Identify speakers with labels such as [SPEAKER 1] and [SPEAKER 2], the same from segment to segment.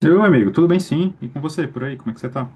[SPEAKER 1] Meu amigo, tudo bem sim? E com você, por aí, como é que você tá?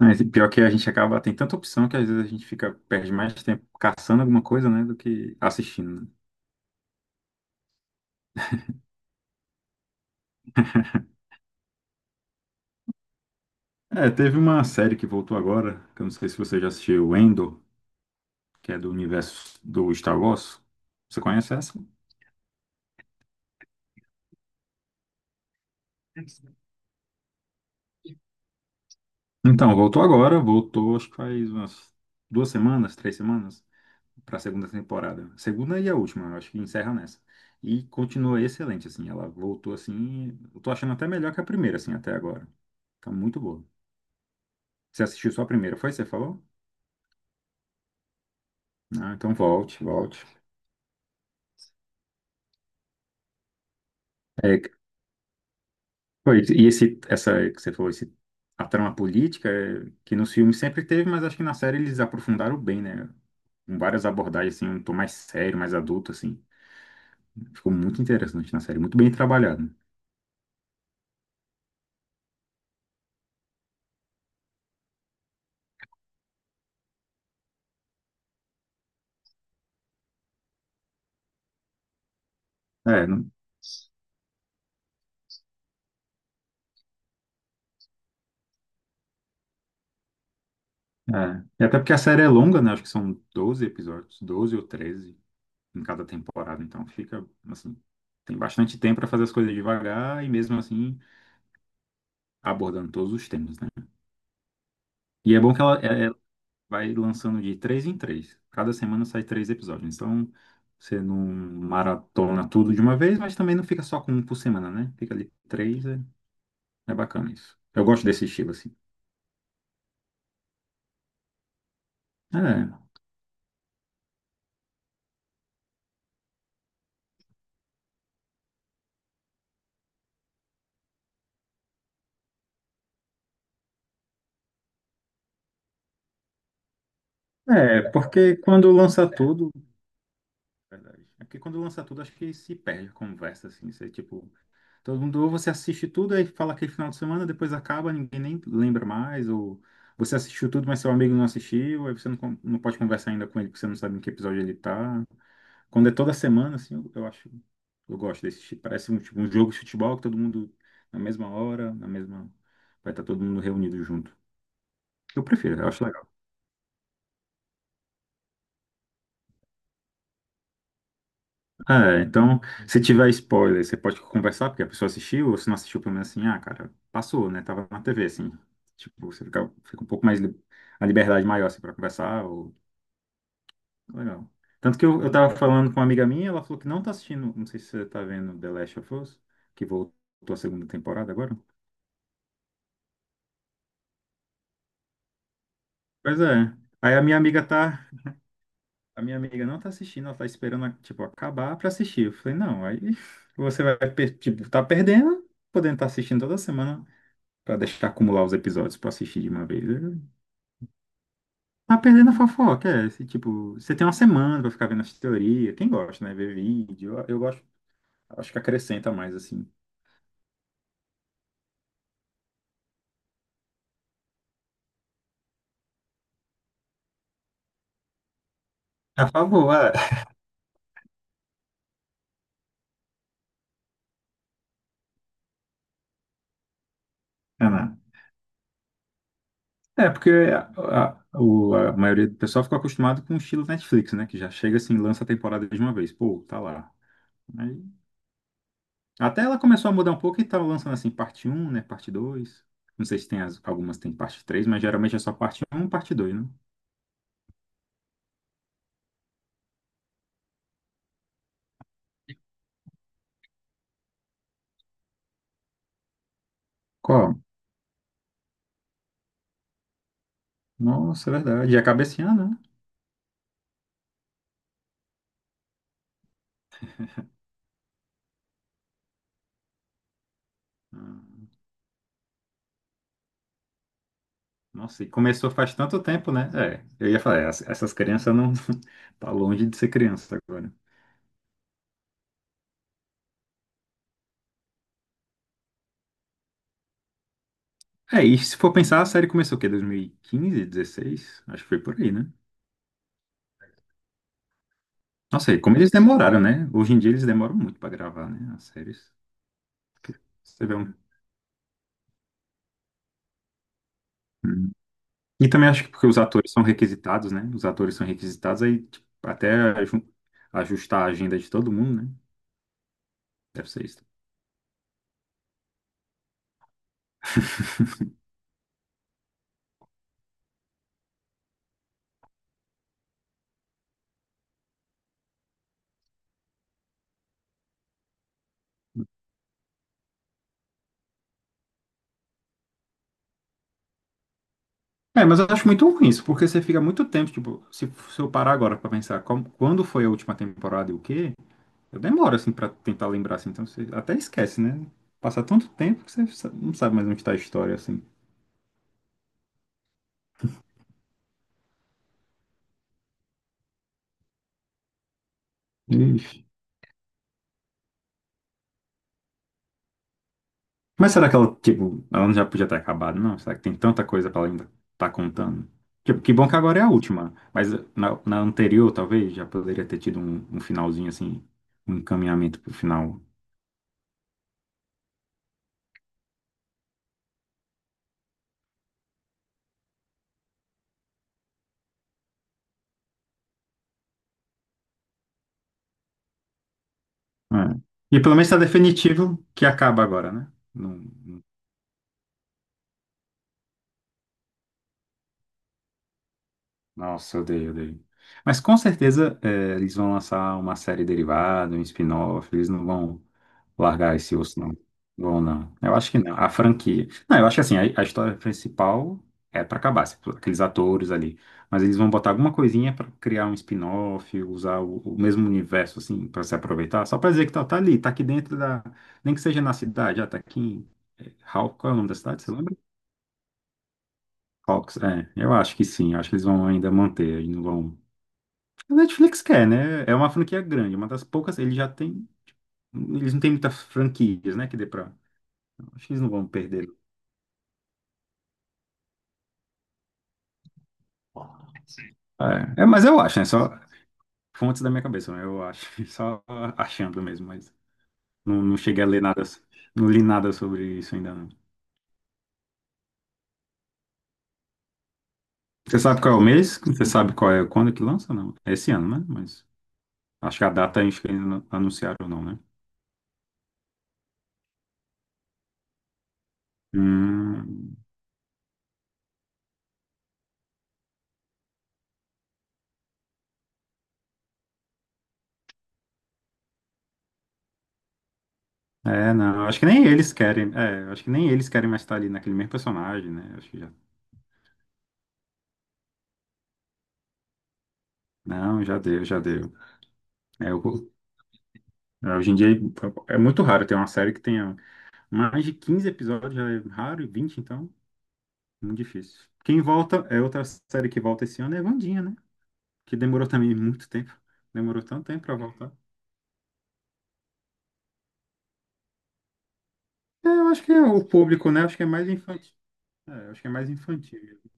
[SPEAKER 1] Mas pior que a gente acaba, tem tanta opção que às vezes a gente fica, perde mais tempo caçando alguma coisa, né, do que assistindo, né? É, teve uma série que voltou agora, que eu não sei se você já assistiu, Andor, que é do universo do Star Wars. Você conhece essa? Então, voltou agora, voltou acho que faz umas duas semanas, três semanas. Para a segunda temporada. Segunda e a última, eu acho que encerra nessa. E continua excelente, assim. Ela voltou assim. Eu tô achando até melhor que a primeira, assim, até agora. Tá muito boa. Você assistiu só a primeira, foi? Você falou? Ah, então volte, volte. É, foi, e essa que você falou, esse, a trama política, é, que nos filmes sempre teve, mas acho que na série eles aprofundaram bem, né? Com várias abordagens, assim, um tom mais sério, mais adulto, assim. Ficou muito interessante na série, muito bem trabalhado. É, é. E até porque a série é longa, né? Acho que são 12 episódios, 12 ou 13 em cada temporada, então fica assim, tem bastante tempo para fazer as coisas devagar e mesmo assim abordando todos os temas, né? E é bom que ela, vai lançando de três em três. Cada semana sai três episódios. Então você não maratona tudo de uma vez, mas também não fica só com um por semana, né? Fica ali três, é, é bacana isso. Eu gosto desse estilo assim. É, é porque quando lança tudo. Verdade. É porque quando lança tudo, acho que se perde a conversa, assim. Você, tipo, todo mundo, ou você assiste tudo aí fala aquele final de semana, depois acaba, ninguém nem lembra mais, ou você assistiu tudo, mas seu amigo não assistiu, aí você não, não pode conversar ainda com ele, porque você não sabe em que episódio ele tá. Quando é toda semana, assim, eu acho, eu gosto desse tipo. Parece um, tipo, um jogo de futebol que todo mundo, na mesma hora, na mesma. Vai estar todo mundo reunido junto. Eu prefiro, eu acho legal. É, então, se tiver spoiler, você pode conversar, porque a pessoa assistiu, ou se não assistiu, pelo menos assim, ah, cara, passou, né? Tava na TV, assim. Tipo, você fica, fica um pouco mais. A liberdade maior, assim, pra conversar, ou. Legal. Tanto que eu tava falando com uma amiga minha, ela falou que não tá assistindo, não sei se você tá vendo The Last of Us, que voltou a segunda temporada agora. Pois é. Aí a minha amiga tá. A minha amiga não tá assistindo, ela tá esperando, tipo, acabar pra assistir. Eu falei, não, aí você vai, tipo, tá perdendo, podendo estar assistindo toda semana. Pra deixar acumular os episódios pra assistir de uma vez. É- Tá perdendo a fofoca, é. Esse, tipo, você tem uma semana pra ficar vendo as teorias. Quem gosta, né? Ver vídeo. Eu gosto. Acho que acrescenta mais, assim. A favor, é. É, né? É, porque a maioria do pessoal ficou acostumado com o estilo Netflix, né? Que já chega assim, lança a temporada de uma vez. Pô, tá lá. Aí- até ela começou a mudar um pouco e tá lançando assim, parte um, né? Parte dois. Não sei se tem algumas tem parte três, mas geralmente é só parte um, parte dois, né? Qual? Nossa, é verdade. E acaba esse ano, né? Hum. Nossa, e começou faz tanto tempo, né? É, eu ia falar, essas crianças não tá longe de ser criança agora. É, e se for pensar, a série começou o quê? 2015, 16? Acho que foi por aí, né? Nossa, e como eles demoraram, né? Hoje em dia eles demoram muito pra gravar, né? As séries. Você vê um... Hum. E também acho que porque os atores são requisitados, né? Os atores são requisitados, aí tipo, até aju- ajustar a agenda de todo mundo, né? Deve ser isso. É, mas eu acho muito ruim isso, porque você fica muito tempo, tipo, se eu parar agora pra pensar quando foi a última temporada e o quê, eu demoro, assim, pra tentar lembrar, assim, então você até esquece, né? Passa tanto tempo que você não sabe mais onde tá a história, assim. Ixi. Mas será que ela, tipo, ela não já podia ter acabado, não? Será que tem tanta coisa pra ela ainda tá contando? Tipo, que bom que agora é a última, mas na anterior, talvez, já poderia ter tido um finalzinho, assim, um encaminhamento pro final. É. E pelo menos tá definitivo que acaba agora, né? Não- não- Nossa, eu odeio, eu odeio. Mas com certeza é, eles vão lançar uma série derivada, um spin-off, eles não vão largar esse osso, não. Vão, não. Eu acho que não. A franquia. Não, eu acho que assim, a história principal é para acabar, aqueles atores ali. Mas eles vão botar alguma coisinha para criar um spin-off, usar o mesmo universo, assim, para se aproveitar, só para dizer que tá, tá ali, tá aqui dentro da. Nem que seja na cidade, já tá aqui em. É, qual é o nome da cidade? Você lembra? Hawks, é, eu acho que sim, eu acho que eles vão ainda manter, eles não vão. A Netflix quer, né? É uma franquia grande, é uma das poucas, eles já têm, eles não têm muitas franquias, né, que dê pra. Então, acho que eles não vão perder. É, é, mas eu acho, né? Só fontes da minha cabeça, né? Eu acho, só achando mesmo, mas não, não cheguei a ler nada, não li nada sobre isso ainda não. Você sabe qual é o mês? Você sabe qual é quando que lança? Não. É esse ano, né? Mas acho que a data acho que ainda não anunciaram não, né? Hum. É, não, acho que nem eles querem, é, acho que nem eles querem mais estar ali naquele mesmo personagem, né? Acho que já, não, já deu, já deu. É, o- é, hoje em dia é é muito raro ter uma série que tenha mais de 15 episódios, já é raro, e 20, então, muito difícil. Quem volta, é outra série que volta esse ano, é Wandinha, né? Que demorou também muito tempo, demorou tanto tempo pra voltar. É, eu acho que é o público, né? Acho que é mais infantil, é, eu acho que é mais infantil mesmo.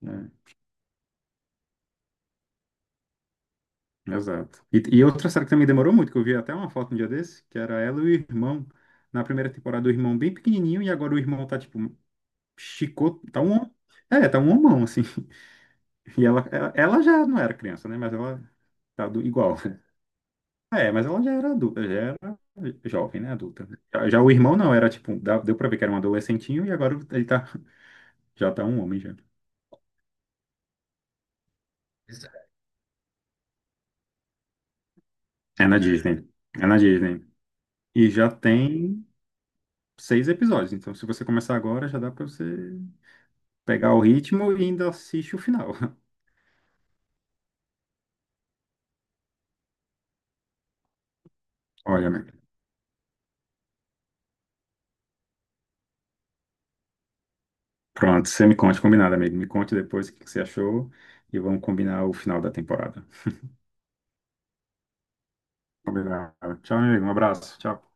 [SPEAKER 1] Né. Exato. E outra série que também demorou muito, que eu vi até uma foto um dia desse, que era ela e o irmão. Na primeira temporada, o irmão bem pequenininho, e agora o irmão tá, tipo, chicote, tá um, é, tá um homão, assim. E ela já não era criança, né? Mas ela tá do, igual. É, mas ela já era adulta, já era jovem, né? Adulta. Já o irmão não, era, tipo, deu pra ver que era um adolescentinho, e agora ele tá, já tá um homem, já. É na Disney. É na Disney. E já tem 6 episódios, então se você começar agora, já dá pra você pegar o ritmo e ainda assiste o final. Olha, amigo. Pronto, você me conte, combinado, amigo. Me conte depois o que que você achou e vamos combinar o final da temporada. Combinado. Tchau, amigo. Um abraço. Tchau.